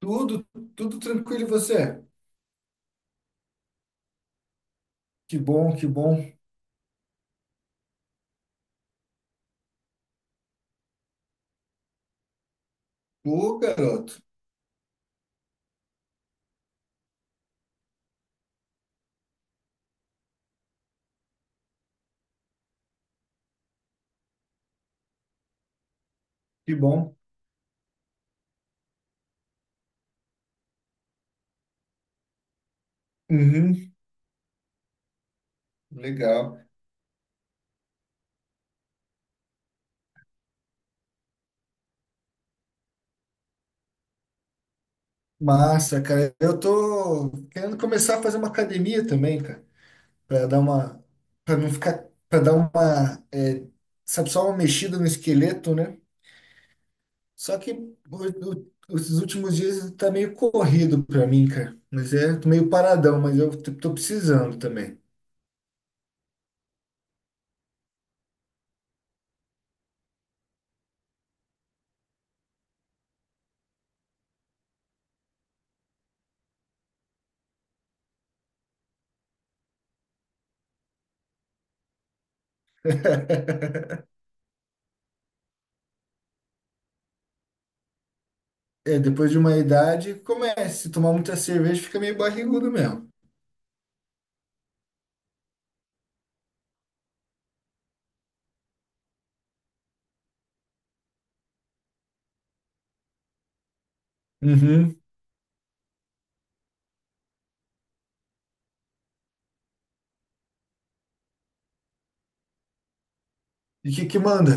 Tudo, tudo tranquilo e você? Que bom, que bom. Pô, garoto, que bom. Uhum, legal. Massa, cara. Eu tô querendo começar a fazer uma academia também, cara, para dar uma, para não ficar, para dar uma, sabe, só uma mexida no esqueleto, né? Só que os últimos dias tá meio corrido pra mim, cara. Mas é, tô meio paradão, mas eu tô precisando também. É, depois de uma idade, começa. Se tomar muita cerveja, fica meio barrigudo mesmo. Uhum. E o que que manda?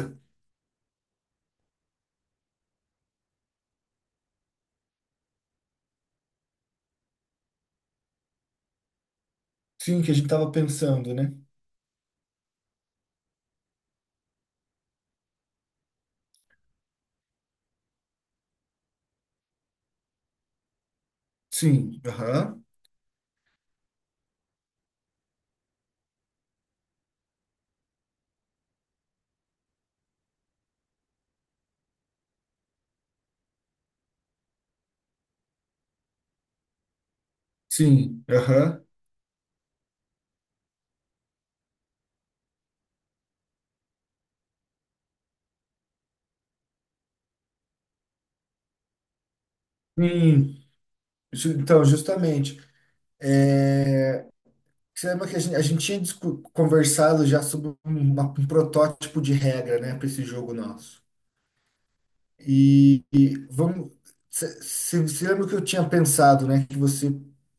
Sim, que a gente tava pensando, né? Sim, aham. Sim, aham. Sim. Então, justamente. Você lembra que a gente tinha conversado já sobre um protótipo de regra, né, para esse jogo nosso? E vamos. Você lembra que eu tinha pensado, né? Que você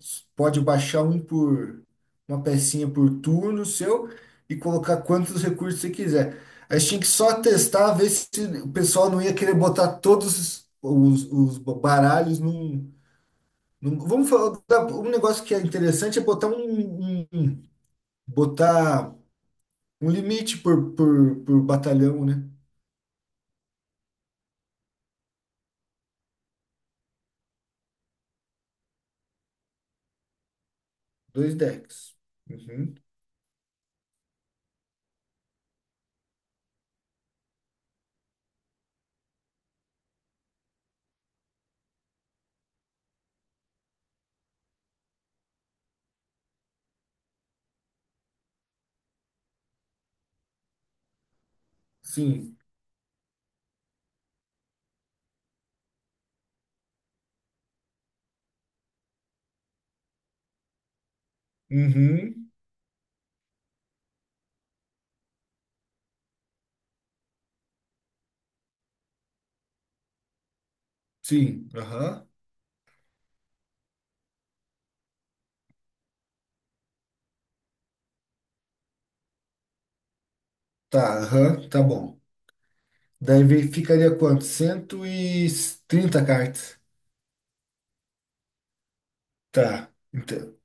pode baixar um por uma pecinha por turno seu e colocar quantos recursos você quiser. A gente tinha que só testar, ver se o pessoal não ia querer botar todos os baralhos vamos falar. Um negócio que é interessante é botar um- um, botar um limite por batalhão, né? Dois decks. Uhum. Sim. Uhum. Sim, aham. Tá, aham, tá bom. Daí ficaria quanto? 130 cartas. Tá. Então,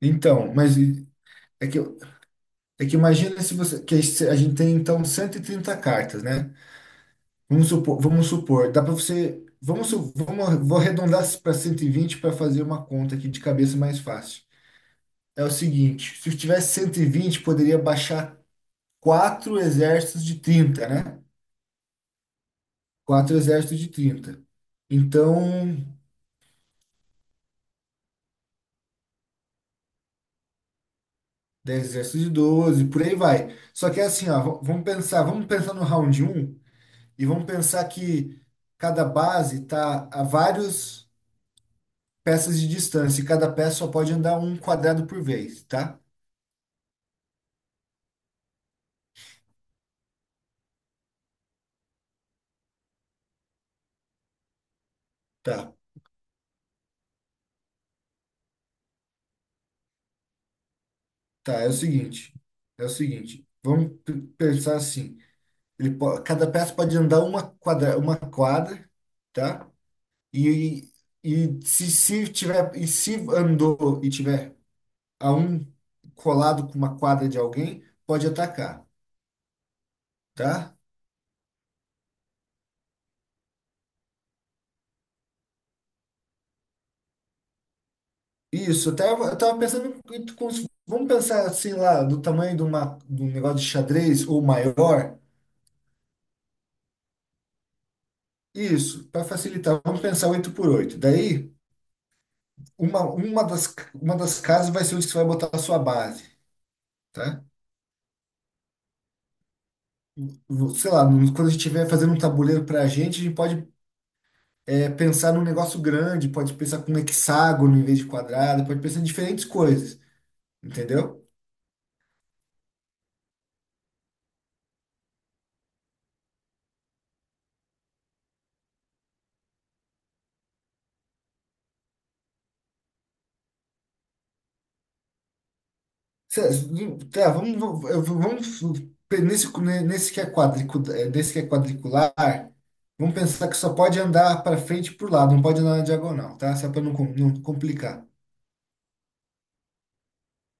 então, Mas é que, é que imagina se você. Que a gente tem então 130 cartas, né? Vamos supor, dá para você. Vou arredondar para 120 para fazer uma conta aqui de cabeça mais fácil. É o seguinte, se eu tivesse 120 poderia baixar quatro exércitos de 30, né? Quatro exércitos de trinta. Então, 10, exércitos de 12, por aí vai. Só que é assim, ó, vamos pensar no round um e vamos pensar que cada base tá a vários peças de distância e cada peça só pode andar um quadrado por vez, tá? Tá, tá, é o seguinte, vamos pensar assim, cada peça pode andar uma quadra, tá? E, e se tiver, e se andou e tiver a um colado com uma quadra de alguém pode atacar, tá? Isso, até eu estava pensando, em como vamos pensar assim lá, do tamanho de um negócio de xadrez ou maior. Isso, para facilitar, vamos pensar 8 por 8. Daí, uma das casas vai ser onde você vai botar a sua base, tá? Sei lá, quando a gente estiver fazendo um tabuleiro para a gente pode pensar num negócio grande, pode pensar com hexágono em vez de quadrado, pode pensar em diferentes coisas, entendeu? Cê- Tá, eu vamos nesse, nesse que é quadricu, desse que é quadricular, vamos pensar que só pode andar para frente e para lado, não pode andar na diagonal, tá? Só para não complicar,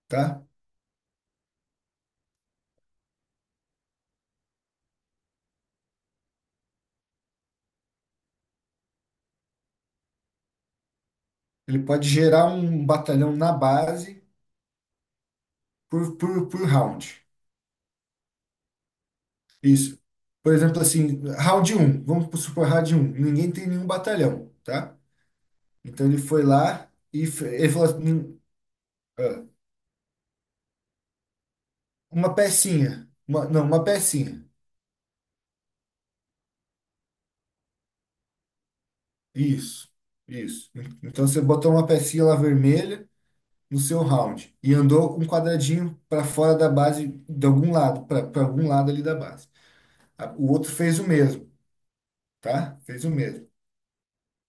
tá? Ele pode gerar um batalhão na base por round. Isso. Por exemplo, assim, round um vamos supor round um ninguém tem nenhum batalhão, tá? Então ele foi lá e ele falou assim, ah, uma pecinha, não, uma pecinha. Isso, isso. Então você botou uma pecinha lá vermelha no seu round e andou um quadradinho para fora da base para algum lado ali da base. O outro fez o mesmo, tá? Fez o mesmo.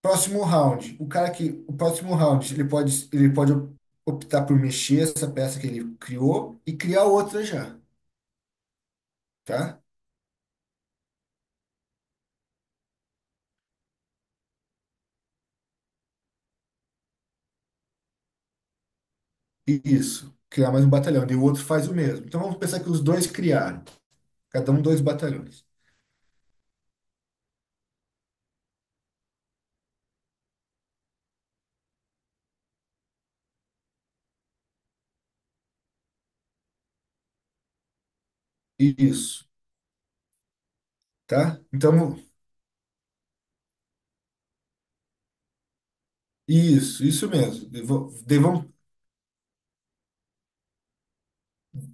Próximo round, o cara que o próximo round ele pode optar por mexer essa peça que ele criou e criar outra já, tá? E isso, criar mais um batalhão. E o outro faz o mesmo. Então vamos pensar que os dois criaram, cada um dois batalhões. Isso, tá? Então isso mesmo. E vo- de- Vamos,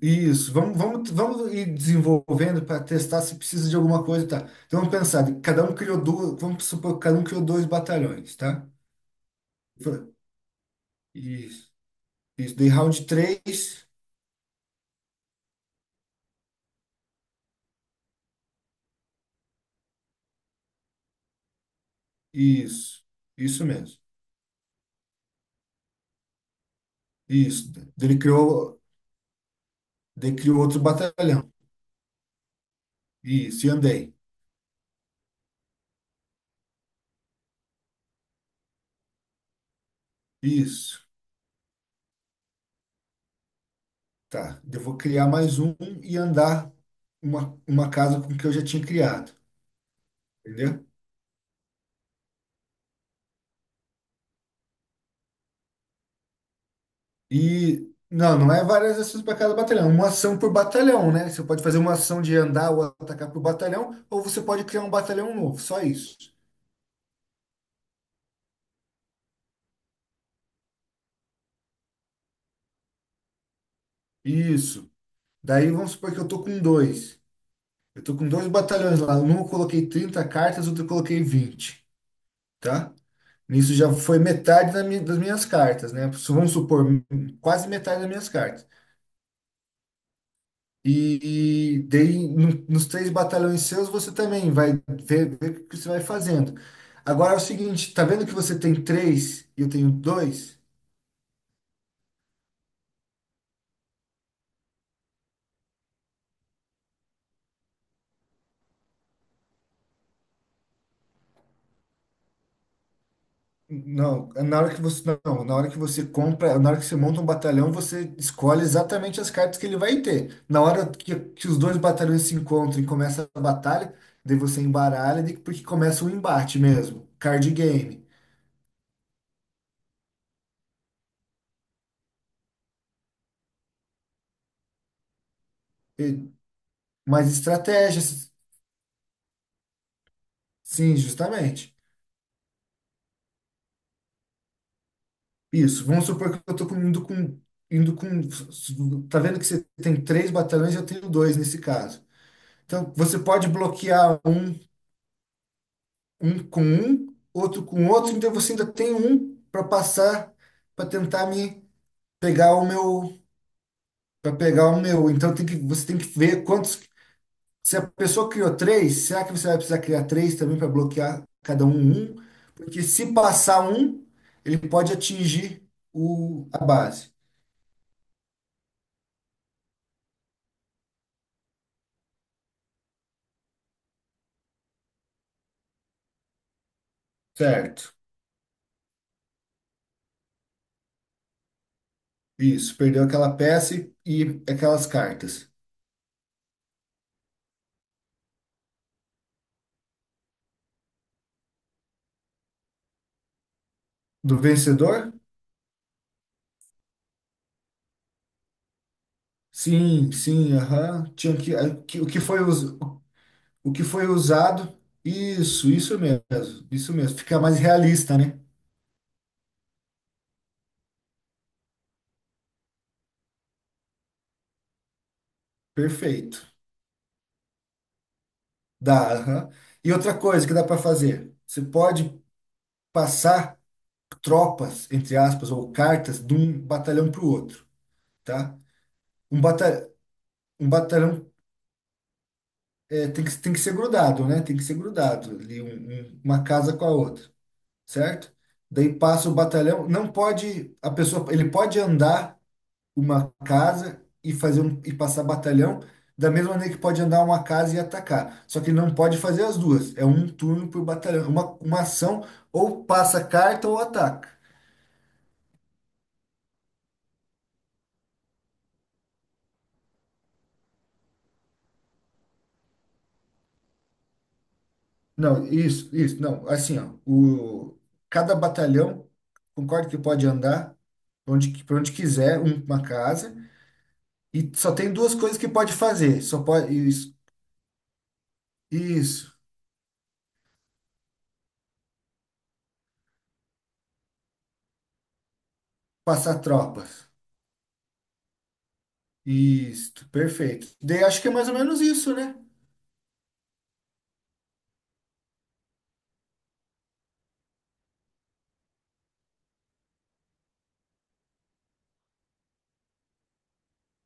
isso, vamos, vamos, vamos ir desenvolvendo para testar se precisa de alguma coisa, tá? Então vamos pensar, cada um criou duas, vamos supor que cada um criou dois batalhões, tá? Fa- Isso, isso, daí round três isso, isso mesmo. Isso, daí criou outro batalhão. Isso, e andei. Isso, tá. Eu vou criar mais um e andar uma casa com o que eu já tinha criado, entendeu? E não, não é várias ações para cada batalhão, é uma ação por batalhão, né? Você pode fazer uma ação de andar ou atacar por batalhão, ou você pode criar um batalhão novo, só isso. Isso. Daí vamos supor que eu tô com dois. Eu tô com dois batalhões lá. Um eu coloquei 30 cartas, outro eu coloquei 20, tá? Nisso já foi metade da das minhas cartas, né? Vamos supor, quase metade das minhas cartas. E daí, nos três batalhões seus, você também vai ver o que você vai fazendo. Agora é o seguinte, tá vendo que você tem três e eu tenho dois? Não, na hora que você não, na hora que você compra, na hora que você monta um batalhão, você escolhe exatamente as cartas que ele vai ter. Na hora que os dois batalhões se encontram e começa a batalha, daí você embaralha, porque começa o embate mesmo, card game. E- Mas estratégias, sim, justamente. Isso, vamos supor que eu estou indo com. Tá vendo que você tem três batalhões, eu tenho dois nesse caso. Então você pode bloquear um, um com um, outro com outro, então você ainda tem um para passar para tentar me pegar o meu, para pegar o meu. Então você tem que ver quantos. Se a pessoa criou três, será que você vai precisar criar três também para bloquear cada um um? Porque se passar um, ele pode atingir a base. Certo. Isso, perdeu aquela peça e aquelas cartas. Do vencedor? Sim, sim, aham. Tinha que, o que foi usado? Isso mesmo. Isso mesmo. Fica mais realista, né? Perfeito. Dá, aham. E outra coisa que dá para fazer, você pode passar tropas, entre aspas, ou cartas de um batalhão para o outro, tá? Um bata um batalhão tem que ser grudado, né? Tem que ser grudado ali, uma casa com a outra. Certo? Daí passa o batalhão, não pode, a pessoa, ele pode andar uma casa e e passar batalhão, da mesma maneira que pode andar uma casa e atacar. Só que ele não pode fazer as duas, é um turno por batalhão, uma ação ou passa carta ou ataca. Não, isso, não, assim, ó, o cada batalhão concordo que pode andar pra onde quiser, uma casa e só tem duas coisas que pode fazer, só pode isso, isso, passar tropas. Isto, perfeito. Daí acho que é mais ou menos isso, né?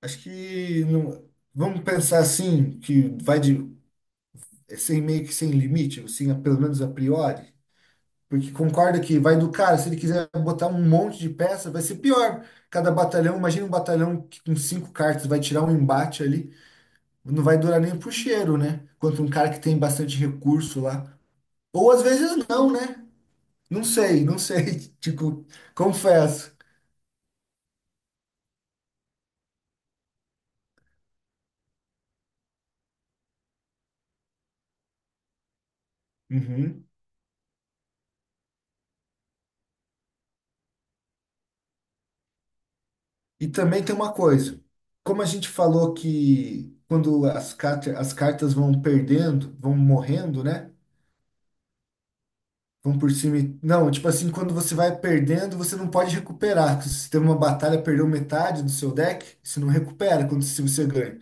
Acho que vamos pensar assim, que vai de é sem meio que sem limite, assim, pelo menos a priori, porque concorda que vai do cara, se ele quiser botar um monte de peça, vai ser pior. Cada batalhão, imagina um batalhão que com cinco cartas vai tirar um embate ali, não vai durar nem pro cheiro, né? Quanto um cara que tem bastante recurso lá. Ou às vezes não, né? Não sei, não sei, tipo, confesso. Uhum. E também tem uma coisa, como a gente falou que quando as cartas vão perdendo, vão morrendo, né? Vão por cima. Não, tipo assim, quando você vai perdendo, você não pode recuperar. Se você teve uma batalha, perdeu metade do seu deck, você não recupera quando se você ganha.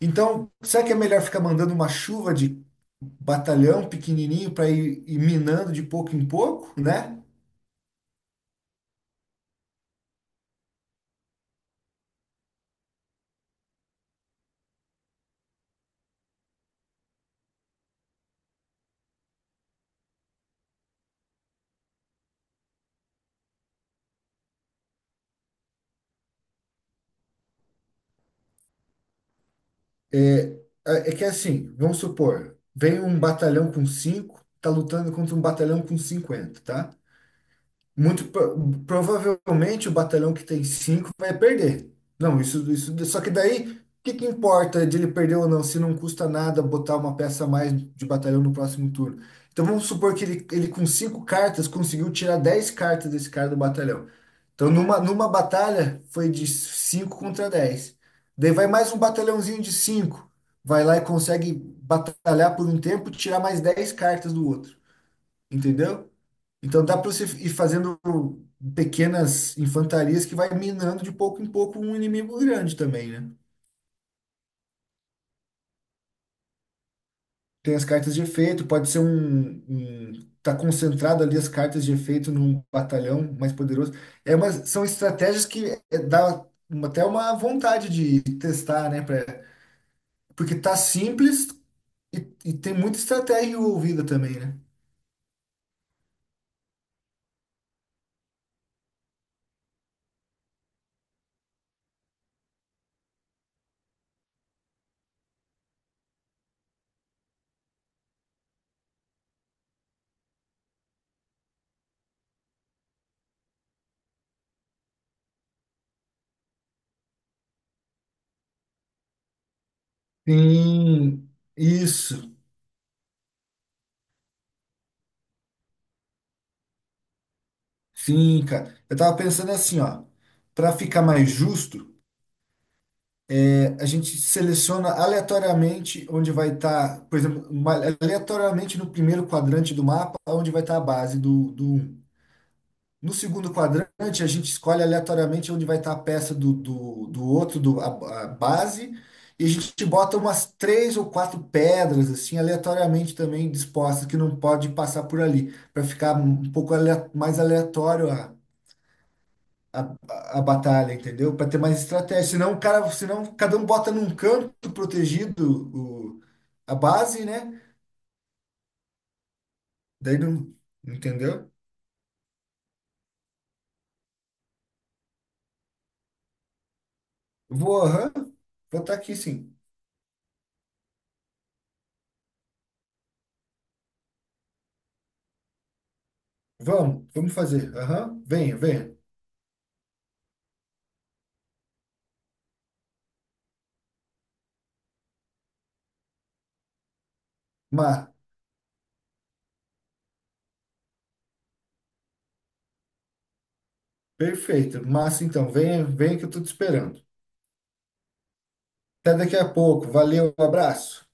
Então, será que é melhor ficar mandando uma chuva de batalhão pequenininho para ir minando de pouco em pouco, né? É que é assim, vamos supor, vem um batalhão com 5 tá lutando contra um batalhão com 50, tá? Muito provavelmente o batalhão que tem cinco vai perder. Não, isso, isso. Só que daí, o que que importa de ele perder ou não, se não custa nada botar uma peça a mais de batalhão no próximo turno? Então vamos supor que ele, com cinco cartas conseguiu tirar 10 cartas desse cara do batalhão. Então numa batalha foi de cinco contra 10. Daí vai mais um batalhãozinho de cinco. Vai lá e consegue batalhar por um tempo, e tirar mais 10 cartas do outro, entendeu? Então dá para você ir fazendo pequenas infantarias que vai minando de pouco em pouco um inimigo grande também, né? Tem as cartas de efeito, pode ser tá concentrado ali as cartas de efeito num batalhão mais poderoso. São estratégias que dá até uma vontade de testar, né? Porque tá simples e, e tem muita estratégia envolvida também, né? Sim, isso. Sim, cara. Eu tava pensando assim, ó, para ficar mais justo, a gente seleciona aleatoriamente onde vai estar, por exemplo, aleatoriamente no primeiro quadrante do mapa, onde vai estar a base do 1. No segundo quadrante, a gente escolhe aleatoriamente onde vai estar a peça do outro, a base, e a gente bota umas três ou quatro pedras, assim, aleatoriamente também dispostas, que não pode passar por ali, para ficar um pouco mais aleatório a a, a batalha, entendeu? Para ter mais estratégia. Senão cada um bota num canto protegido a base, né? Daí não, entendeu? Vou, aham, vou estar aqui sim. Vamos fazer. Aham, venha, venha. Má, Perfeito. Massa, então, venha, venha que eu tô te esperando. Até daqui a pouco. Valeu, um abraço.